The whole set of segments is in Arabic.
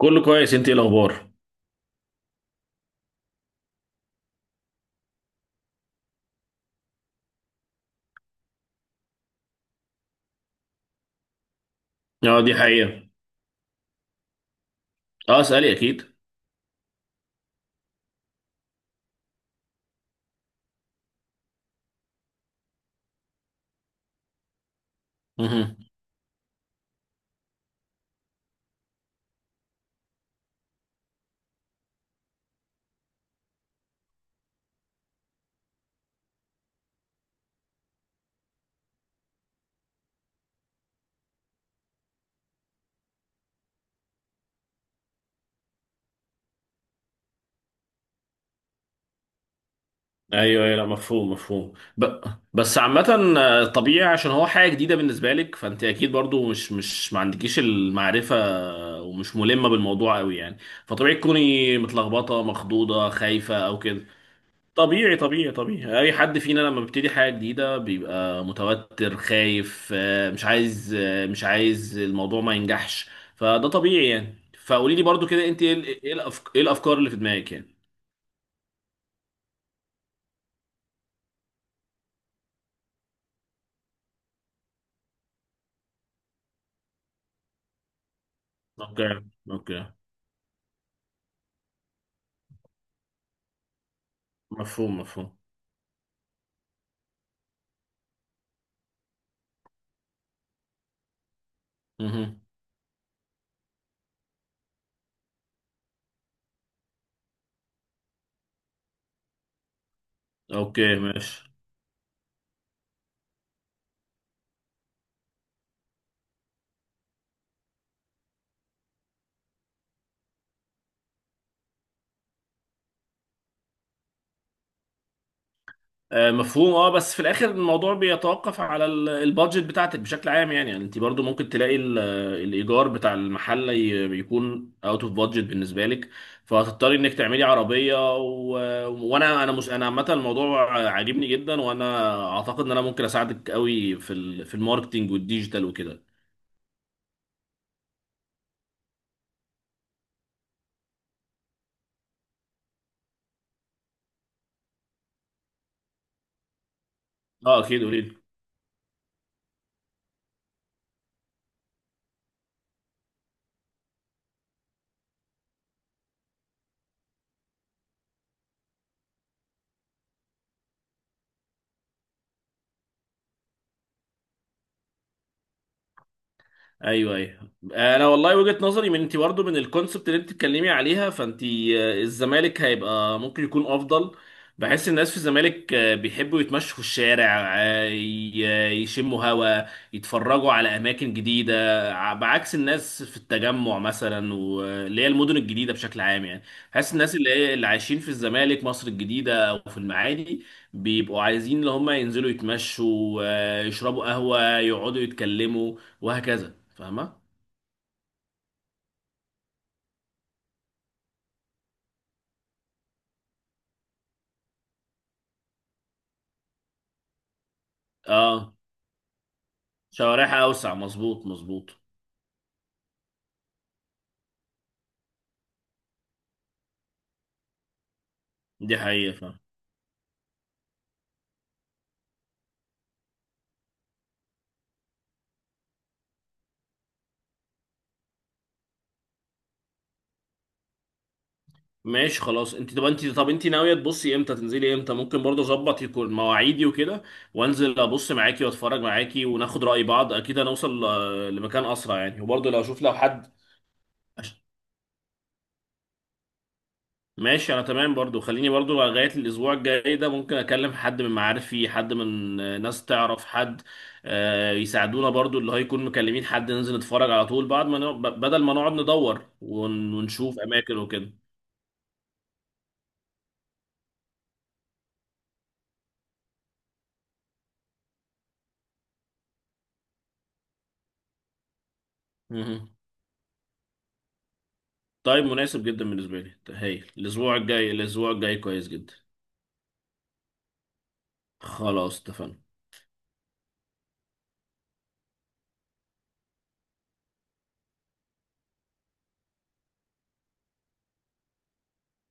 كله كويس، انت ايه الاخبار؟ اه، دي حقيقة. اه، اسألي اكيد. مهم. ايوه ايوه، لا، مفهوم مفهوم. بس عامة، طبيعي عشان هو حاجة جديدة بالنسبة لك، فانت اكيد برضو مش ما عندكيش المعرفة، ومش ملمة بالموضوع قوي يعني. فطبيعي تكوني متلخبطة مخضوضة خايفة او كده. طبيعي طبيعي طبيعي، اي حد فينا لما بيبتدي حاجه جديده بيبقى متوتر خايف، مش عايز، مش عايز الموضوع ما ينجحش. فده طبيعي يعني. فقولي لي برضو كده، انت ايه ايه الافكار اللي في دماغك يعني؟ اوكي. اوكي. مفهوم مفهوم. مهم. اوكي ماشي. مفهوم. اه، بس في الاخر الموضوع بيتوقف على البادجت بتاعتك بشكل عام يعني. يعني انت برضو ممكن تلاقي الايجار بتاع المحل بيكون اوت اوف بادجت بالنسبه لك، فهتضطري انك تعملي عربيه وانا انا مش انا عامه الموضوع عاجبني جدا، وانا اعتقد ان انا ممكن اساعدك قوي في الماركتينج والديجيتال وكده. اه اكيد، قولي لي. ايوه ايوه، انا والله وجهة نظري، من انت برضه، من الكونسبت اللي انت بتتكلمي عليها، فانت الزمالك هيبقى ممكن يكون افضل. بحس الناس في الزمالك بيحبوا يتمشوا في الشارع، يشموا هوا، يتفرجوا على اماكن جديده، بعكس الناس في التجمع مثلا، واللي هي المدن الجديده بشكل عام يعني. بحس الناس اللي هي اللي عايشين في الزمالك، مصر الجديده، او في المعادي بيبقوا عايزين اللي هم ينزلوا يتمشوا، يشربوا قهوه، يقعدوا يتكلموا وهكذا. فاهمة؟ اه، شوارعها اوسع، مظبوط مظبوط. دي حقيقة، فاهم. ماشي خلاص. انت ناوية تبصي امتى، تنزلي امتى؟ ممكن برضه اظبط يكون مواعيدي وكده، وانزل ابص معاكي واتفرج معاكي وناخد رأي بعض، اكيد هنوصل لمكان اسرع يعني، وبرضه لو اشوف لو حد. ماشي، انا تمام برضو. خليني برضو لغاية الاسبوع الجاي ده ممكن اكلم حد من معارفي، حد من ناس تعرف حد يساعدونا برضو، اللي هيكون مكلمين حد ننزل نتفرج على طول، بعد ما بدل ما نقعد ندور ونشوف اماكن وكده. مهم. طيب، مناسب جدا بالنسبة لي، هايل. الاسبوع الجاي كويس جدا. خلاص اتفقنا.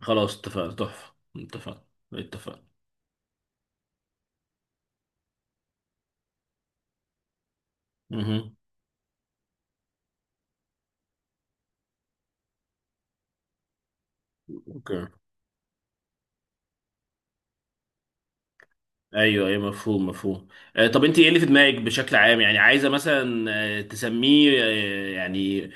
خلاص اتفقنا تحفة، اتفقنا. اتفقنا. مهم. اوكي. ايوه ايوه، مفهوم مفهوم. طب انت ايه اللي في دماغك بشكل عام يعني؟ عايزه مثلا تسميه، يعني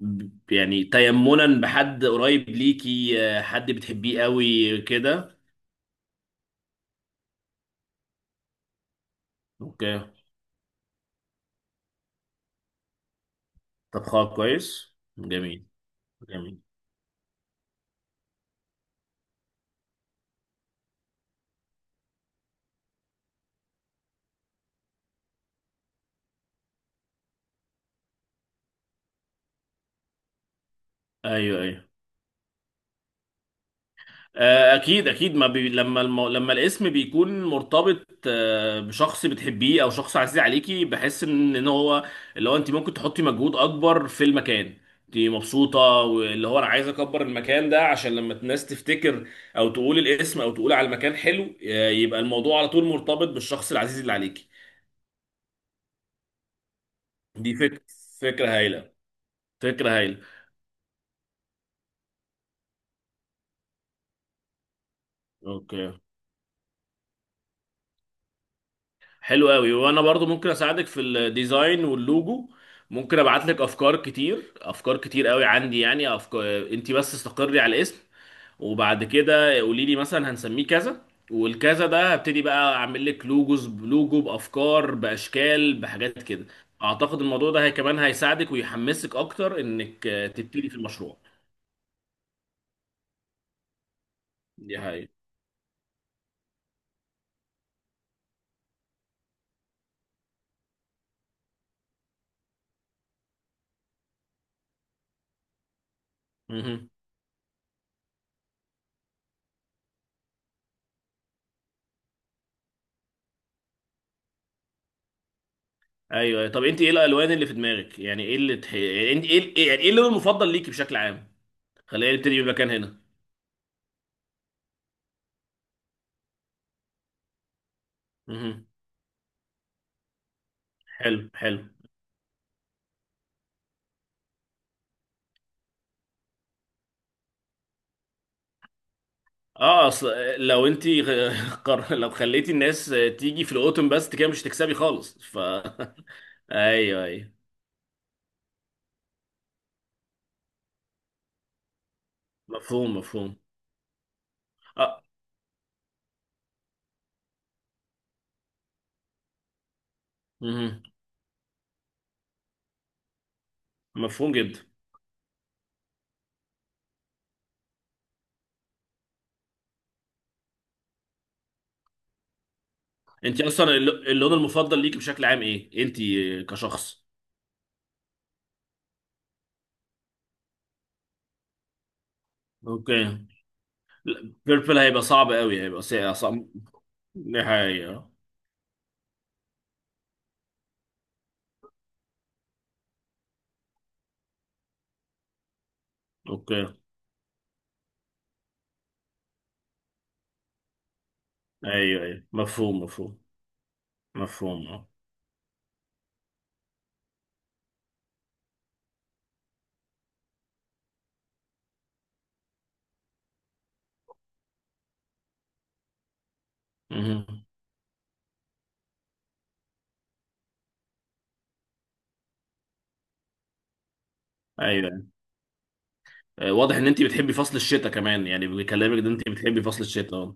يعني تيمنا بحد قريب ليكي، حد بتحبيه قوي كده؟ اوكي. طب خلاص، كويس، جميل. جميل. ايوه ايوه. اكيد اكيد. ما بي... لما المو... لما الاسم بيكون مرتبط بشخص بتحبيه او شخص عزيز عليكي، بحس ان هو اللي هو انت ممكن تحطي مجهود اكبر في المكان، انت مبسوطه، واللي هو انا عايز اكبر المكان ده عشان لما الناس تفتكر او تقول الاسم او تقول على المكان حلو، يبقى الموضوع على طول مرتبط بالشخص العزيز اللي عليكي. دي فكره. فكره هايله. فكره هايله. اوكي. حلو قوي، وانا برضو ممكن اساعدك في الديزاين واللوجو. ممكن ابعت لك افكار كتير، افكار كتير قوي عندي يعني افكار. انت بس استقري على الاسم، وبعد كده قولي لي مثلا هنسميه كذا، والكذا ده هبتدي بقى اعمل لك لوجوز، بلوجو، بافكار، باشكال، بحاجات كده. اعتقد الموضوع ده هي كمان هيساعدك ويحمسك اكتر انك تبتدي في المشروع. دي حقيقة. مهم. ايوه. طب، انت ايه الالوان اللي في دماغك يعني؟ ايه اللي يعني يعني ايه اللون المفضل ليكي بشكل عام؟ خلينا نبتدي بمكان هنا. مهم. حلو حلو. اه اصل، لو انت لو خليتي الناس تيجي في الاوتوم بس، انت كده مش هتكسبي خالص. ف ايوه ايوه، مفهوم مفهوم اه. مهم. مفهوم جدا. انت اصلا اللون المفضل ليك بشكل عام ايه، انت كشخص؟ اوكي. بيربل هيبقى صعب قوي، هيبقى ساقع صعب نهاية. اوكي. ايوه ايوه، مفهوم مفهوم مفهوم اه. مهم. ايوه. واضح ان انت بتحبي فصل الشتاء كمان يعني، بكلامك ده انت بتحبي فصل الشتاء. اه.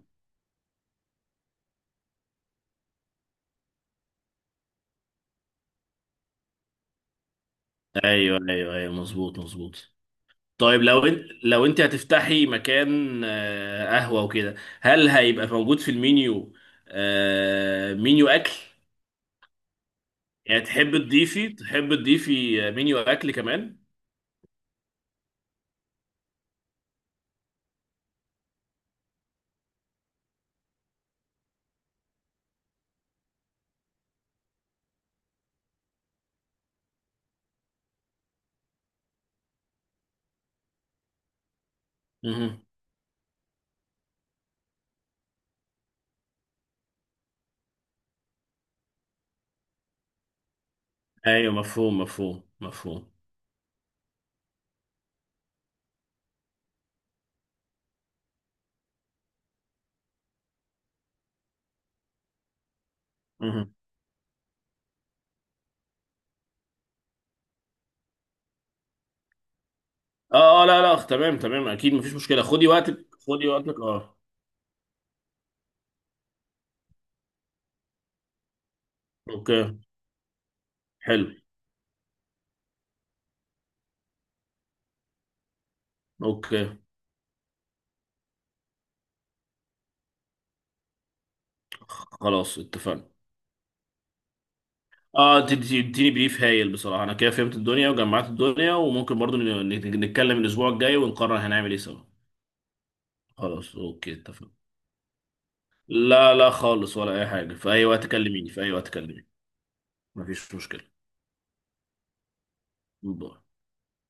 ايوه ايوه ايوه، مظبوط مظبوط. طيب، لو انت هتفتحي مكان قهوة وكده، هل هيبقى موجود في المينيو مينيو اكل يعني؟ تحب تضيفي تحب تضيفي مينيو اكل كمان؟ مهم. ايوه مفهوم مفهوم مفهوم. مهم. اه اه، لا لا، تمام تمام، اكيد مفيش مشكلة. خدي وقتك خدي وقتك اه. اوكي. حلو. اوكي. خلاص اتفقنا. اه، اديني بريف هايل بصراحه، انا كده فهمت الدنيا وجمعت الدنيا، وممكن برضو نتكلم الاسبوع الجاي ونقرر هنعمل ايه سوا. خلاص اوكي اتفقنا. لا لا خالص، ولا اي حاجه، في اي وقت كلميني، في اي وقت كلميني. مفيش مشكله.